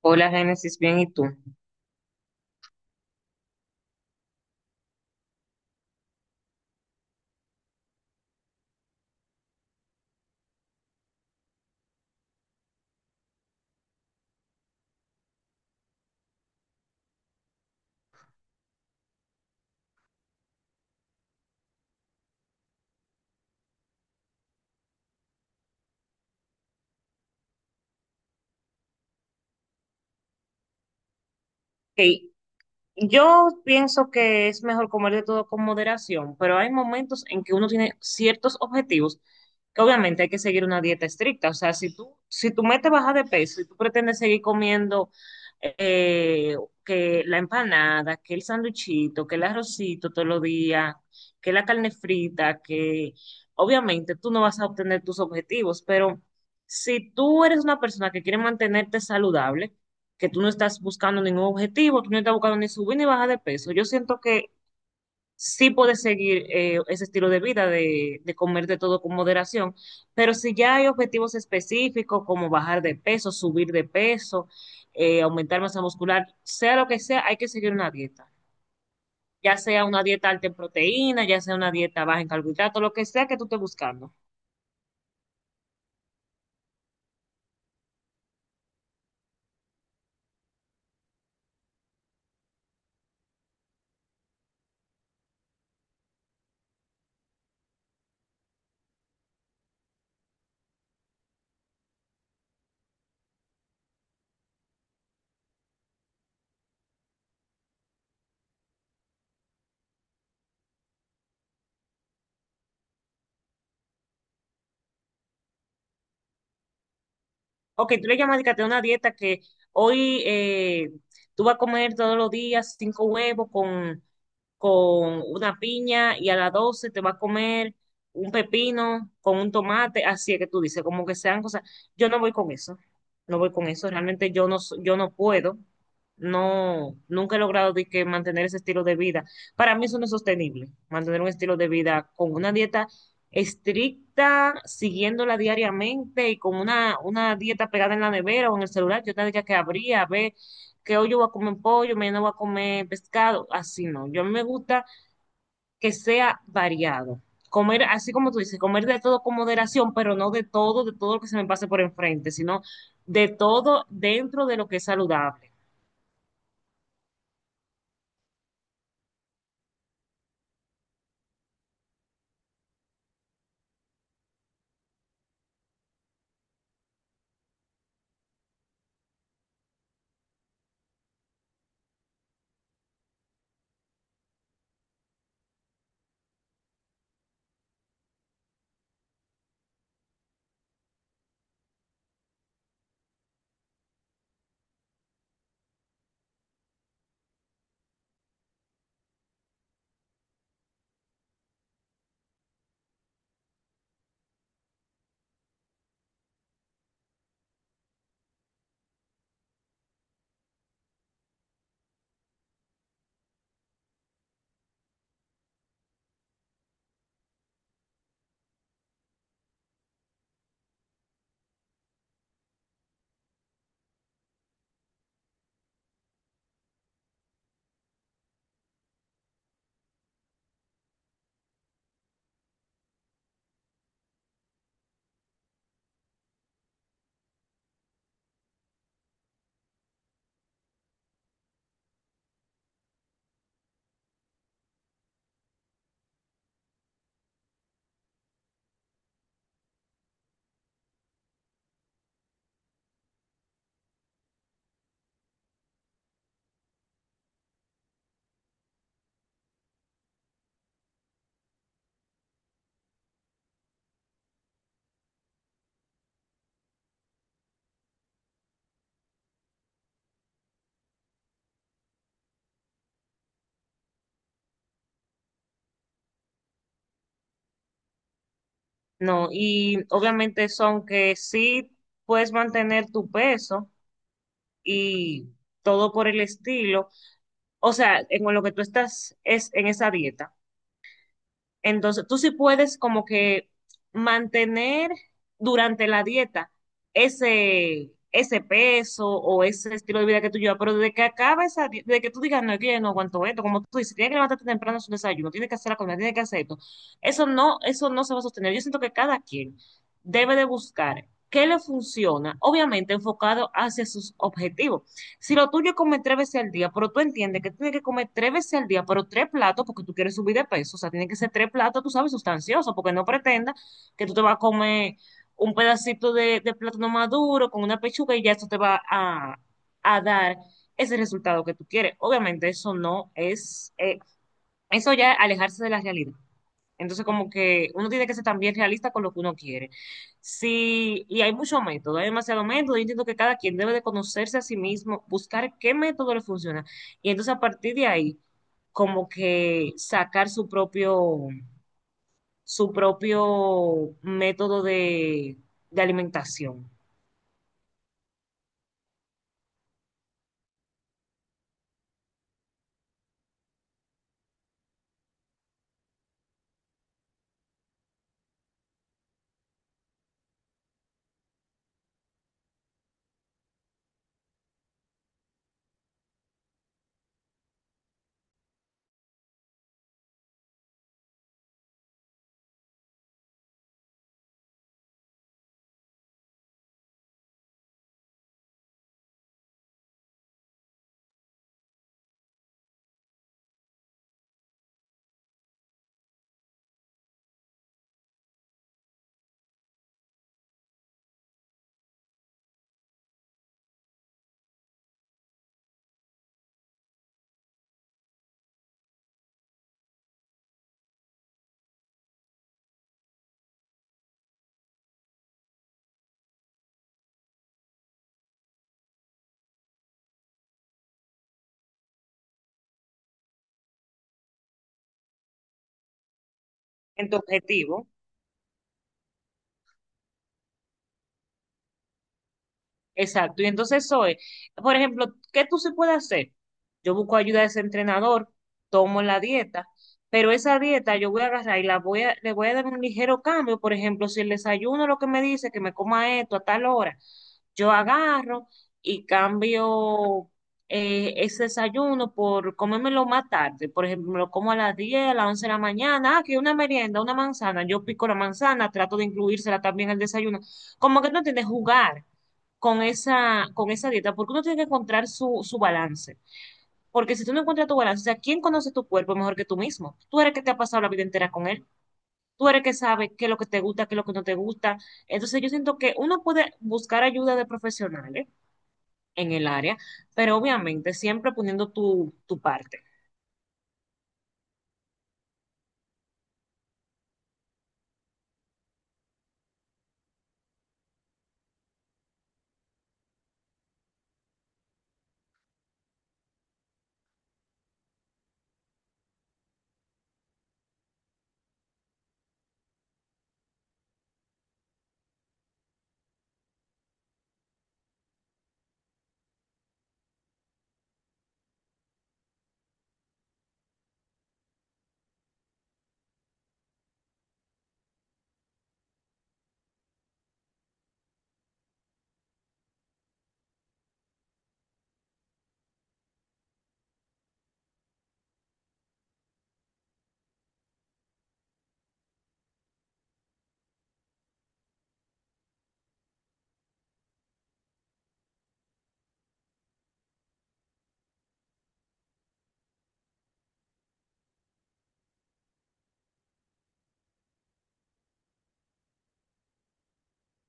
Hola, Génesis, bien, ¿y tú? Hey, yo pienso que es mejor comer de todo con moderación, pero hay momentos en que uno tiene ciertos objetivos que obviamente hay que seguir una dieta estricta. O sea, si tu meta es bajar de peso y tú pretendes seguir comiendo eh, que la empanada, que el sanduchito, que el arrocito todos los días, que la carne frita, que obviamente tú no vas a obtener tus objetivos, pero si tú eres una persona que quiere mantenerte saludable, que tú no estás buscando ningún objetivo, tú no estás buscando ni subir ni bajar de peso. Yo siento que sí puedes seguir ese estilo de vida de comer de todo con moderación, pero si ya hay objetivos específicos como bajar de peso, subir de peso, aumentar masa muscular, sea lo que sea, hay que seguir una dieta. Ya sea una dieta alta en proteína, ya sea una dieta baja en carbohidratos, lo que sea que tú estés buscando. Ok, tú le llamas de que te una dieta que hoy tú vas a comer todos los días cinco huevos con una piña y a las 12 te vas a comer un pepino con un tomate, así es que tú dices, como que sean cosas. Yo no voy con eso, no voy con eso, realmente yo no puedo, no, nunca he logrado de que mantener ese estilo de vida. Para mí eso no es sostenible, mantener un estilo de vida con una dieta estricta, siguiéndola diariamente y con una dieta pegada en la nevera o en el celular, yo tendría que abrir a ver que hoy yo voy a comer pollo, mañana voy a comer pescado, así no. Yo a mí me gusta que sea variado. Comer, así como tú dices, comer de todo con moderación, pero no de todo, de todo lo que se me pase por enfrente, sino de todo dentro de lo que es saludable. No, y obviamente son que sí puedes mantener tu peso y todo por el estilo, o sea, en lo que tú estás es en esa dieta. Entonces, tú sí puedes como que mantener durante la dieta ese peso o ese estilo de vida que tú llevas, pero desde que acaba esa dieta, desde que tú digas, no, es que yo no aguanto esto, como tú dices, tienes que levantarte temprano a su desayuno, tienes que hacer la comida, tienes que hacer esto, eso no se va a sostener. Yo siento que cada quien debe de buscar qué le funciona, obviamente enfocado hacia sus objetivos, si lo tuyo es comer tres veces al día, pero tú entiendes que tienes que comer tres veces al día, pero tres platos porque tú quieres subir de peso. O sea, tiene que ser tres platos, tú sabes, sustanciosos, porque no pretendas que tú te vas a comer un pedacito de plátano maduro con una pechuga y ya eso te va a dar ese resultado que tú quieres. Obviamente eso no es, eso ya es alejarse de la realidad. Entonces, como que uno tiene que ser también realista con lo que uno quiere. Sí, y hay muchos métodos, hay demasiados métodos. Yo entiendo que cada quien debe de conocerse a sí mismo, buscar qué método le funciona. Y entonces, a partir de ahí, como que sacar su propio método de alimentación en tu objetivo. Exacto, y entonces eso es, por ejemplo, ¿qué tú sí puedes hacer? Yo busco ayuda de ese entrenador, tomo la dieta, pero esa dieta yo voy a agarrar y la voy a, le voy a dar un ligero cambio, por ejemplo, si el desayuno lo que me dice que me coma esto a tal hora, yo agarro y cambio ese desayuno por comérmelo más tarde, por ejemplo, me lo como a las 10, a las 11 de la mañana, ah, que una merienda, una manzana, yo pico la manzana, trato de incluírsela también al desayuno, como que no tienes jugar con esa dieta, porque uno tiene que encontrar su balance. Porque si tú no encuentras tu balance, o sea, ¿quién conoce tu cuerpo mejor que tú mismo? Tú eres que te ha pasado la vida entera con él. Tú eres que sabe qué es lo que te gusta, qué es lo que no te gusta. Entonces yo siento que uno puede buscar ayuda de profesionales en el área, pero obviamente siempre poniendo tu parte.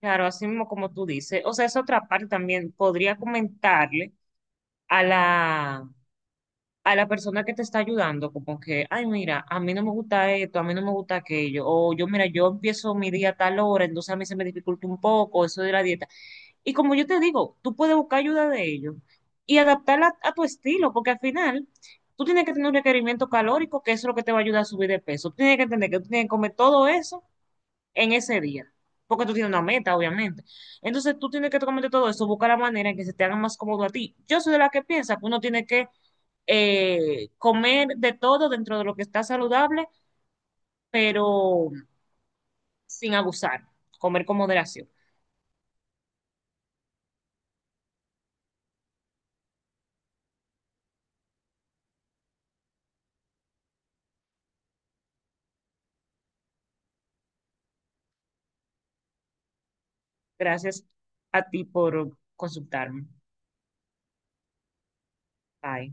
Claro, así mismo como tú dices. O sea, esa otra parte también podría comentarle a la persona que te está ayudando, como que, ay, mira, a mí no me gusta esto, a mí no me gusta aquello, o yo, mira, yo empiezo mi día a tal hora, entonces a mí se me dificulta un poco eso de la dieta. Y como yo te digo, tú puedes buscar ayuda de ellos y adaptarla a tu estilo, porque al final tú tienes que tener un requerimiento calórico, que eso es lo que te va a ayudar a subir de peso. Tú tienes que entender que tú tienes que comer todo eso en ese día, porque tú tienes una meta, obviamente. Entonces tú tienes que totalmente todo eso, buscar la manera en que se te haga más cómodo a ti. Yo soy de la que piensa que uno tiene que comer de todo dentro de lo que está saludable, pero sin abusar, comer con moderación. Gracias a ti por consultarme. Bye.